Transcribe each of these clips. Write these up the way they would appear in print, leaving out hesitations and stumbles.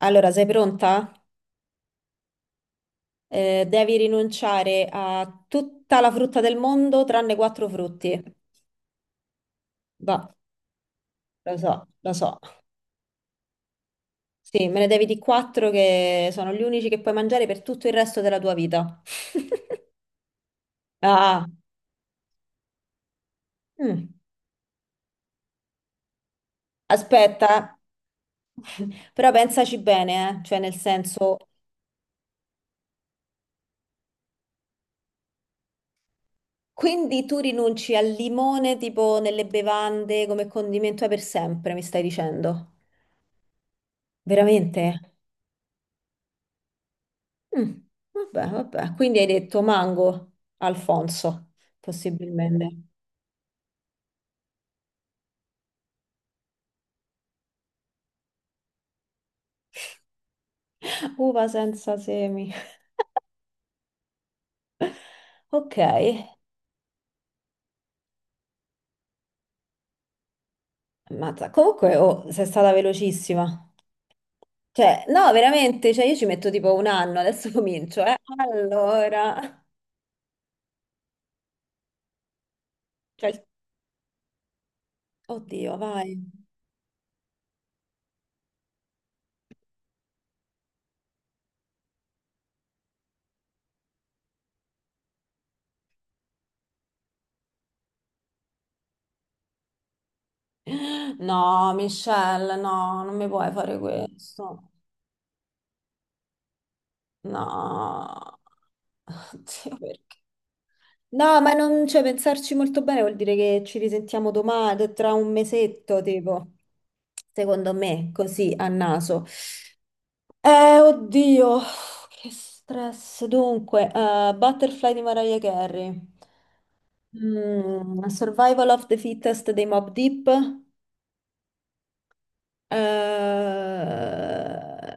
Allora, sei pronta? Devi rinunciare a tutta la frutta del mondo tranne quattro frutti. Va, lo so. Sì, me ne devi di quattro che sono gli unici che puoi mangiare per tutto il resto della tua vita. Ah, mm. Aspetta, però pensaci bene, eh. Cioè nel senso, quindi tu rinunci al limone tipo nelle bevande come condimento per sempre, mi stai dicendo? Veramente? Mm, vabbè, vabbè. Quindi hai detto mango, Alfonso, possibilmente. Uva senza semi. Ok, ammazza. Comunque, oh, sei stata velocissima. Cioè, no, veramente, cioè io ci metto tipo un anno, adesso comincio, eh. Allora, cioè, oddio, vai. No, Michelle, no, non mi puoi fare questo. No. Oddio, perché? No, ma non, cioè, pensarci molto bene vuol dire che ci risentiamo domani, tra un mesetto, tipo, secondo me, così a naso. Oddio, che stress. Dunque, Butterfly di Mariah Carey, mm, Survival of the Fittest dei Mob Deep, eh,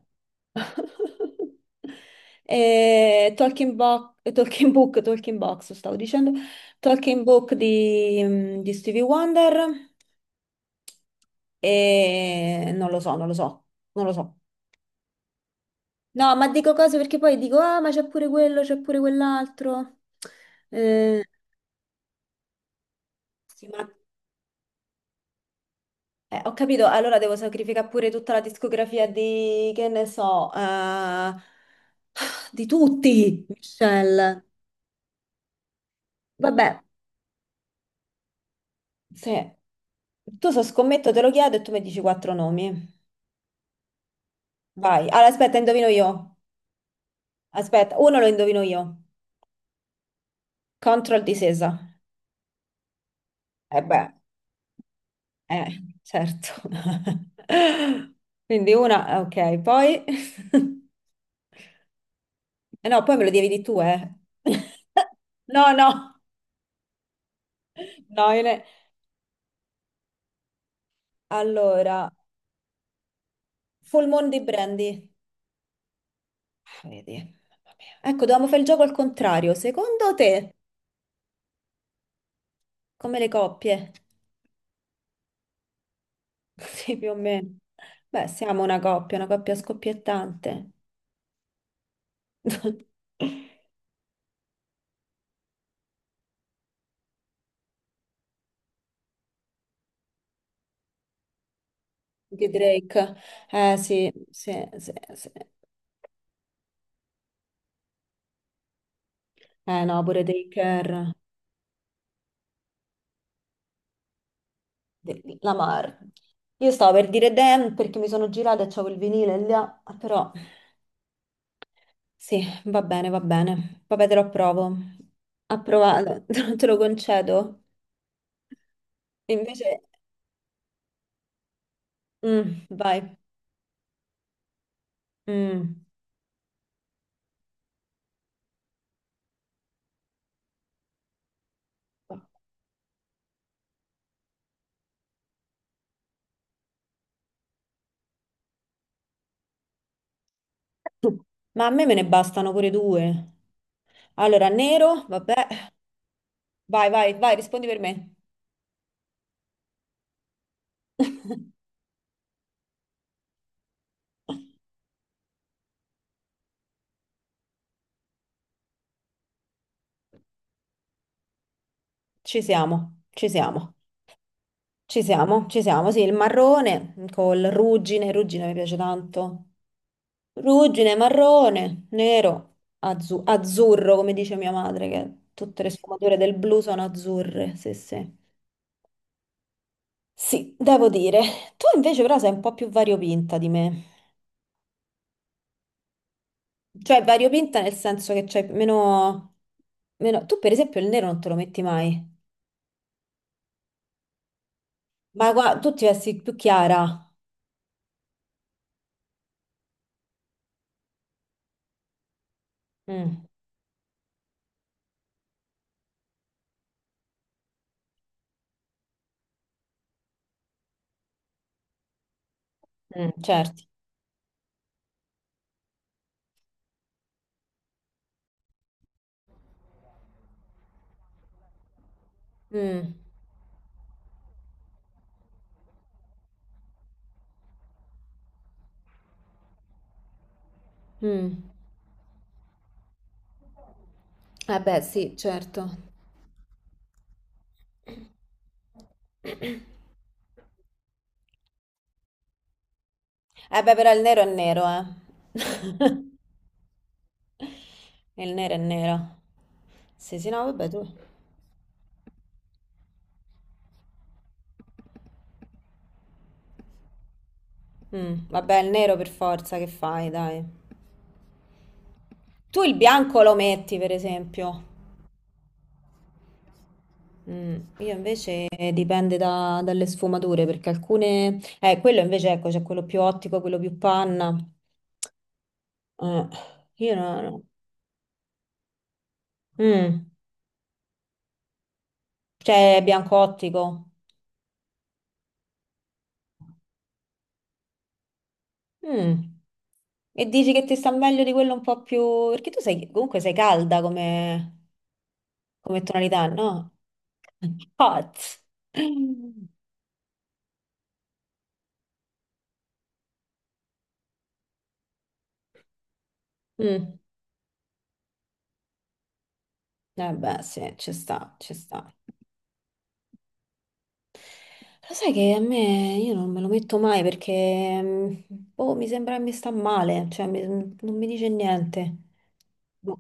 e Talking Book, Talking Box, stavo dicendo, Talking Book di, di Stevie Wonder e non lo so, non lo so. No, ma dico cose perché poi dico, ah, ma c'è pure quello, c'è pure quell'altro. Eh, sì, ho capito, allora devo sacrificare pure tutta la discografia di, che ne so, di tutti, Michelle. Vabbè, sì. Tu so scommetto, te lo chiedo e tu mi dici quattro nomi. Vai. Allora, aspetta, indovino io. Aspetta, uno lo indovino io. Control disesa. Eh beh, certo. Quindi una, ah, ok, poi... Eh no, poi me lo devi di tu, eh. No. No, allora, Full Moon di Brandy. Ah, vedi. Ecco, dovevamo fare il gioco al contrario. Secondo te, come le coppie? Sì, più o meno. Beh, siamo una coppia scoppiettante. Di Drake. Eh sì, sì, sì. Eh no, pure Taker, Lamar. Io stavo per dire Damn perché mi sono girata e c'avevo il vinile là, però sì, va bene, va bene. Vabbè, te lo approvo. Approvato, te lo concedo. Invece, mm, vai. Mm. Ma a me me ne bastano pure due. Allora, nero, vabbè, vai, rispondi per me. Ci siamo, ci siamo, ci siamo, ci siamo. Sì, il marrone col ruggine, ruggine mi piace tanto. Ruggine, marrone, nero, azzurro, come dice mia madre, che tutte le sfumature del blu sono azzurre. Sì, sì. Sì, devo dire. Tu invece però sei un po' più variopinta di me. Cioè, variopinta nel senso che c'hai meno, meno... Tu per esempio il nero non te lo metti mai. Ma guarda, tu ti vesti più chiara. Mm. Mm, certo. Mm, mm. Eh beh, sì, certo. Eh beh, però il nero è nero, eh. Il nero è nero. Sì, sì, no, vabbè, tu. Mm, vabbè, il nero per forza, che fai, dai. Tu il bianco lo metti, per esempio. Mm, io invece dipende dalle sfumature, perché alcune... quello invece, ecco, c'è quello più ottico, quello più panna. Eh, io no, no. Mm, cioè, bianco ottico. Mm. E dici che ti sta meglio di quello un po' più... Perché tu sei, comunque sei calda come, come tonalità, no? Hot. Mm. Eh beh, sì, ci sta, ci sta. Lo sai che a me io non me lo metto mai perché mm, boh, mi sembra che mi sta male, non mi dice niente. Boh.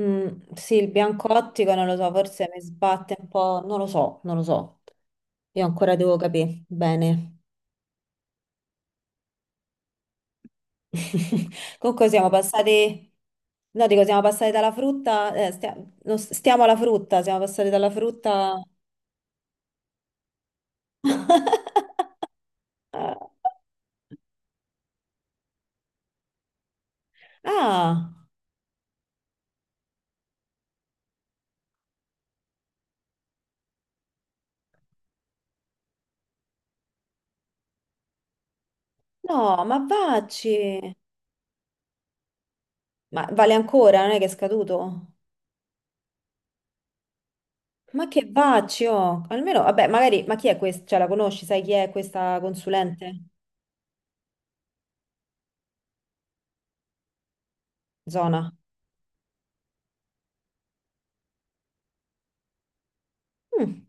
Mm, sì, il bianco ottico non lo so, forse mi sbatte un po', non lo so, non lo so. Io ancora devo capire bene. Comunque siamo passati, no, dico, siamo passati dalla frutta, stia- non s- stiamo alla frutta, siamo passati dalla frutta. Ah, no, ma vacci. Ma vale ancora, non è che è scaduto? Ma che vacci, oh. Almeno, vabbè, magari, ma chi è questa? Cioè, la conosci, sai chi è questa consulente? Zona. Mm,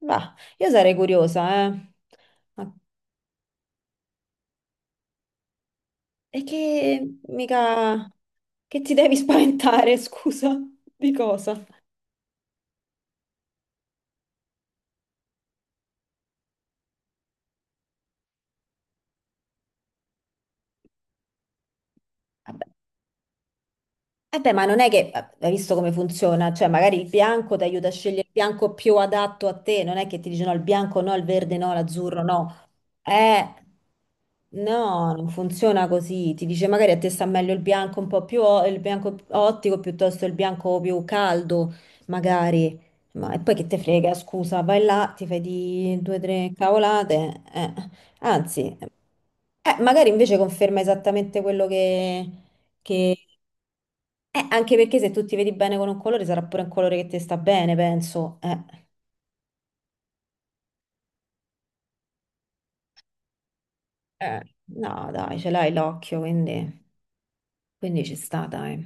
va, io sarei curiosa, eh. Ma e che mica... che ti devi spaventare, scusa? Di cosa? Vabbè. Eh beh, ma non è che hai visto come funziona, cioè magari il bianco ti aiuta a scegliere il bianco più adatto a te, non è che ti dice no, il bianco no, il verde no, l'azzurro no. Eh, no, non funziona così, ti dice magari a te sta meglio il bianco un po' più, il bianco ottico piuttosto il bianco più caldo, magari. Ma e poi che te frega, scusa, vai là, ti fai di due o tre cavolate, eh. Anzi, magari invece conferma esattamente quello che, anche perché se tu ti vedi bene con un colore sarà pure un colore che ti sta bene, penso. Eh, no, dai, ce l'hai l'occhio, quindi ci sta, dai.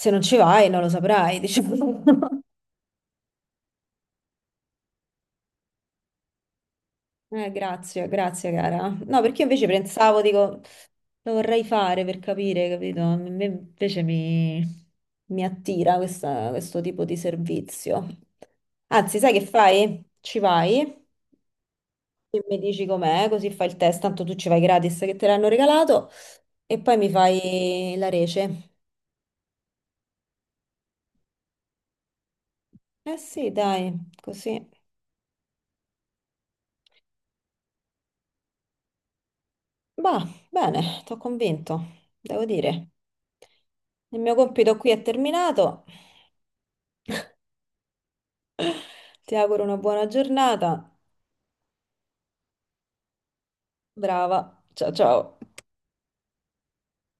Se non ci vai, non lo saprai, diciamo. Grazie, grazie, cara. No, perché io invece pensavo, dico, lo vorrei fare per capire, capito? A me invece mi attira questo tipo di servizio. Anzi, sai che fai? Ci vai? E mi dici com'è, così fai il test, tanto tu ci vai gratis che te l'hanno regalato e poi mi fai la rece. Eh sì, dai, così. Bah, bene, t'ho convinto, devo dire. Il mio compito qui è terminato. Ti auguro una buona giornata. Brava. Ciao ciao.